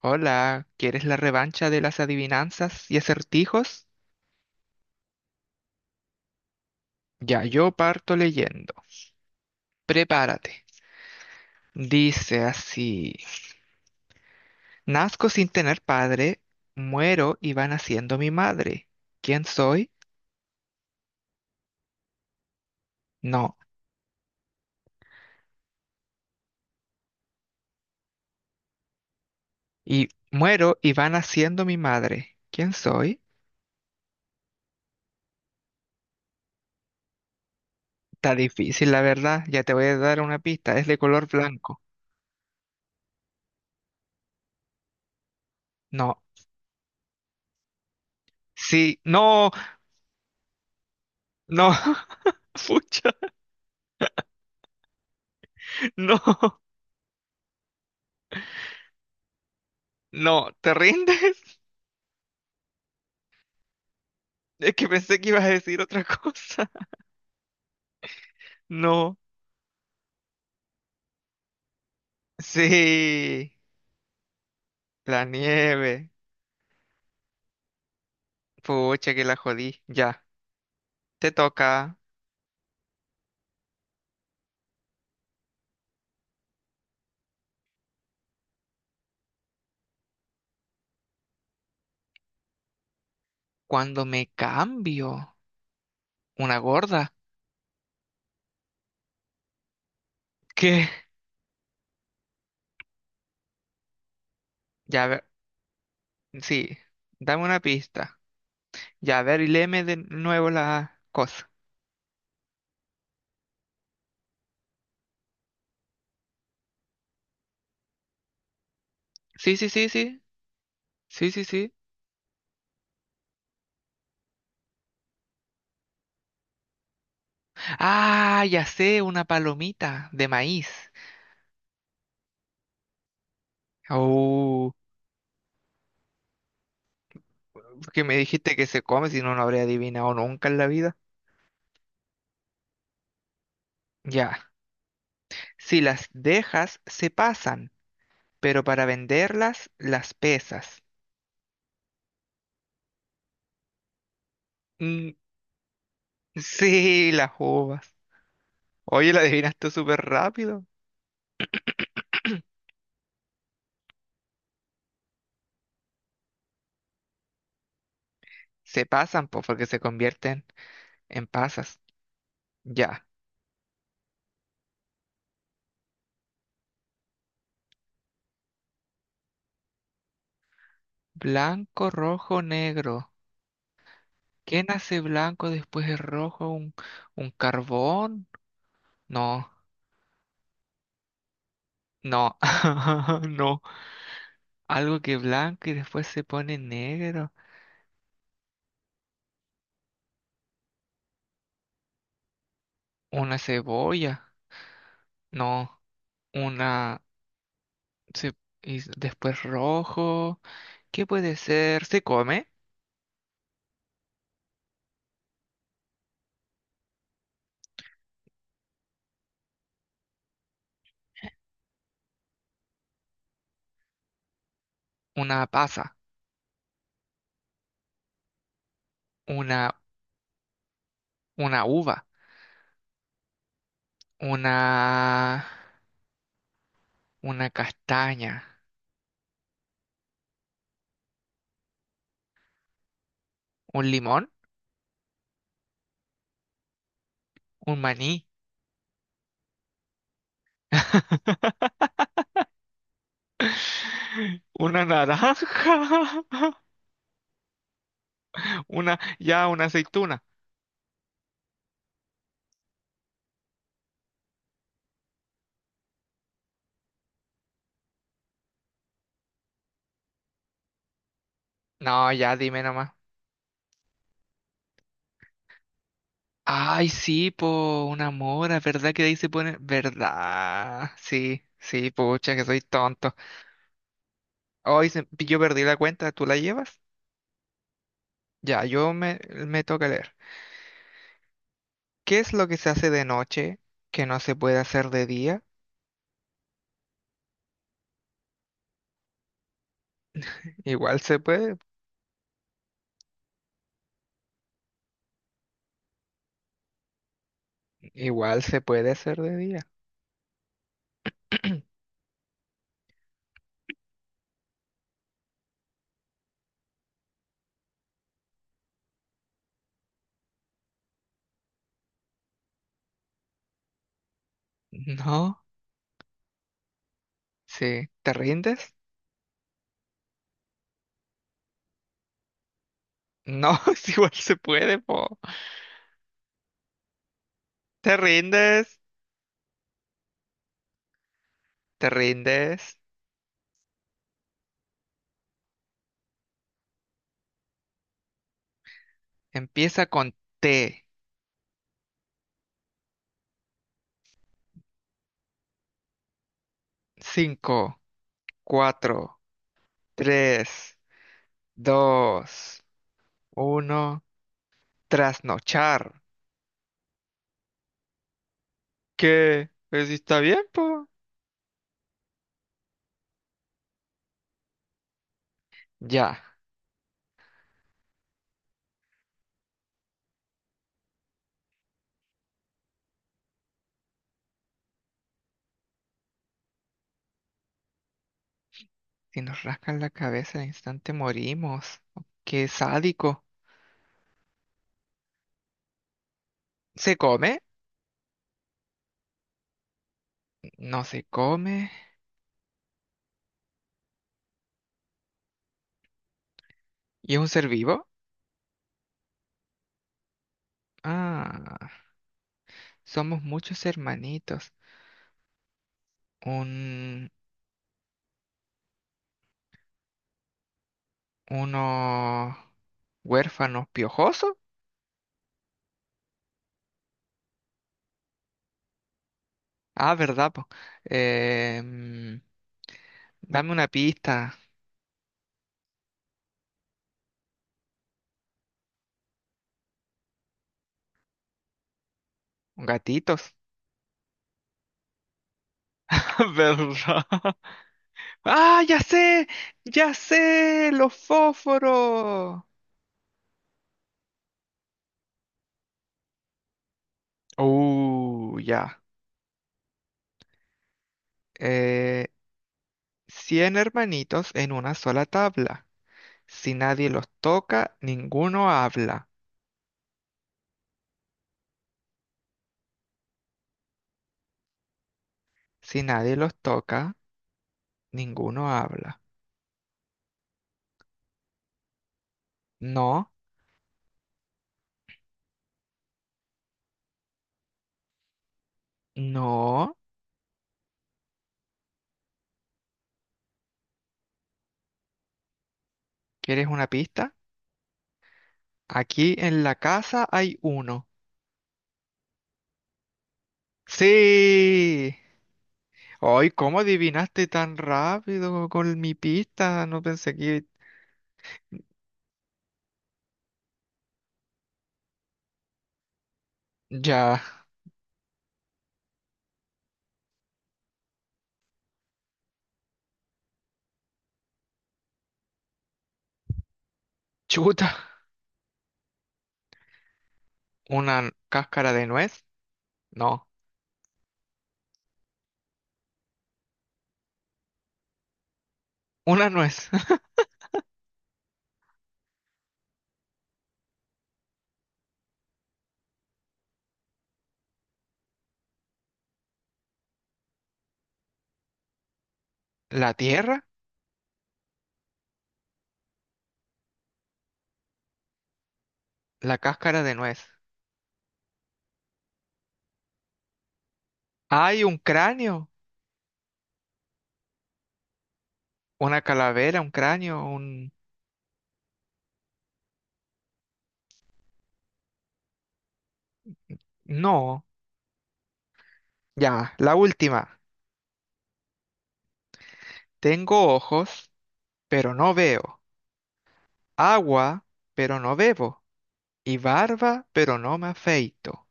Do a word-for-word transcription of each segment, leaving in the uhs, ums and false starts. Hola, ¿quieres la revancha de las adivinanzas y acertijos? Ya yo parto leyendo. Prepárate. Dice así. Nazco sin tener padre, muero y va naciendo mi madre. ¿Quién soy? No. Y muero y va naciendo mi madre. ¿Quién soy? Está difícil, la verdad. Ya te voy a dar una pista. Es de color blanco. No. Sí. No. No. Pucha. No. No. ¿Te rindes? Es que pensé que ibas a decir otra cosa. No. Sí, la nieve. Pucha, que la jodí. Ya, te toca. Cuando me cambio, una gorda. ¿Qué? Ya, a ver, sí, dame una pista. Ya, a ver, y léeme de nuevo la cosa. Sí, sí, sí, sí. Sí, sí, sí. Ah, ya sé, una palomita de maíz. Oh, que me dijiste que se come, si no, no habría adivinado nunca en la vida. Ya. Si las dejas, se pasan, pero para venderlas, las pesas. Mm, sí, las uvas. Oye, la adivinaste súper rápido. Se pasan, pues, porque se convierten en pasas. Ya. Blanco, rojo, negro. ¿Qué nace blanco, después es rojo? ¿Un, un carbón? No, no, no. Algo que es blanco y después se pone negro. Una cebolla. No, una... Sí, y s- después rojo. ¿Qué puede ser? Se come una pasa, una, una uva, una, una castaña, un limón, un maní, una naranja, una, ya, una aceituna. No, ya, dime nomás. Ay, sí, po, una mora, ¿verdad que de ahí se pone? ¿Verdad? Sí, sí, pucha, que soy tonto. Hoy se- yo perdí la cuenta, ¿tú la llevas? Ya, yo me, me toca leer. ¿Qué es lo que se hace de noche que no se puede hacer de día? Igual se puede, igual se puede hacer de día. No, sí. ¿Te rindes? No, es igual se puede, po. ¿Te rindes? ¿Te rindes? Empieza con T. Cinco, cuatro, tres, dos, uno. Trasnochar. ¿Qué? Pues sí está bien, po. Ya. Si nos rascan la cabeza al instante morimos. Qué sádico. ¿Se come? No se come. ¿Y es un ser vivo? Ah, somos muchos hermanitos. Un, uno huérfano piojoso. Ah, verdad, po. Em, dame una pista. Gatitos. ¿Verdad? Ah, ya sé, ya sé, los fósforos. Uh, ya. Eh, Cien hermanitos en una sola tabla. Si nadie los toca, ninguno habla. Si nadie los toca, ninguno habla. No, no. ¿Quieres una pista? Aquí en la casa hay uno. ¡Sí! ¡Ay, cómo adivinaste tan rápido con mi pista! No pensé que... Ya. Chuta. ¿Una cáscara de nuez? No. Una nuez. ¿La tierra? La cáscara de nuez. ¡Hay un cráneo! Una calavera, un cráneo, un... No, ya, la última. Tengo ojos, pero no veo. Agua, pero no bebo. Y barba, pero no me afeito.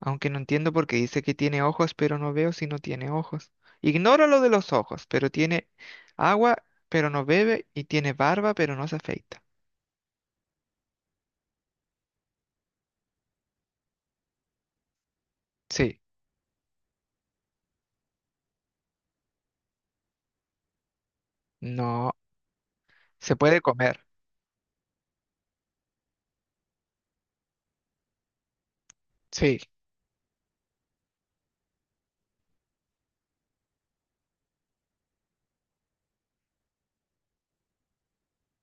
Aunque no entiendo por qué dice que tiene ojos, pero no veo si no tiene ojos. Ignora lo de los ojos, pero tiene agua, pero no bebe. Y tiene barba, pero no se afeita. Sí, no. Se puede comer. Sí,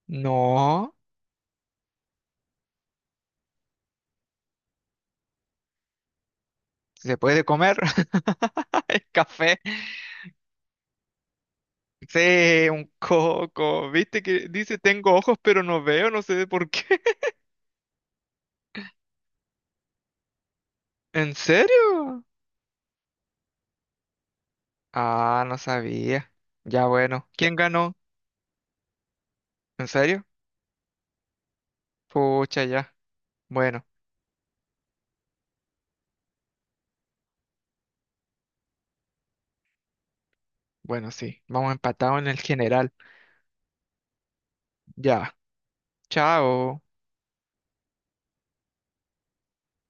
no. Se puede comer. El café. Sí, un coco. ¿Viste que dice tengo ojos pero no veo? No sé por qué. ¿En serio? Ah, no sabía. Ya bueno. ¿Quién ganó? ¿En serio? Pucha, ya. Bueno, bueno, sí. Vamos empatados en el general. Ya. Chao.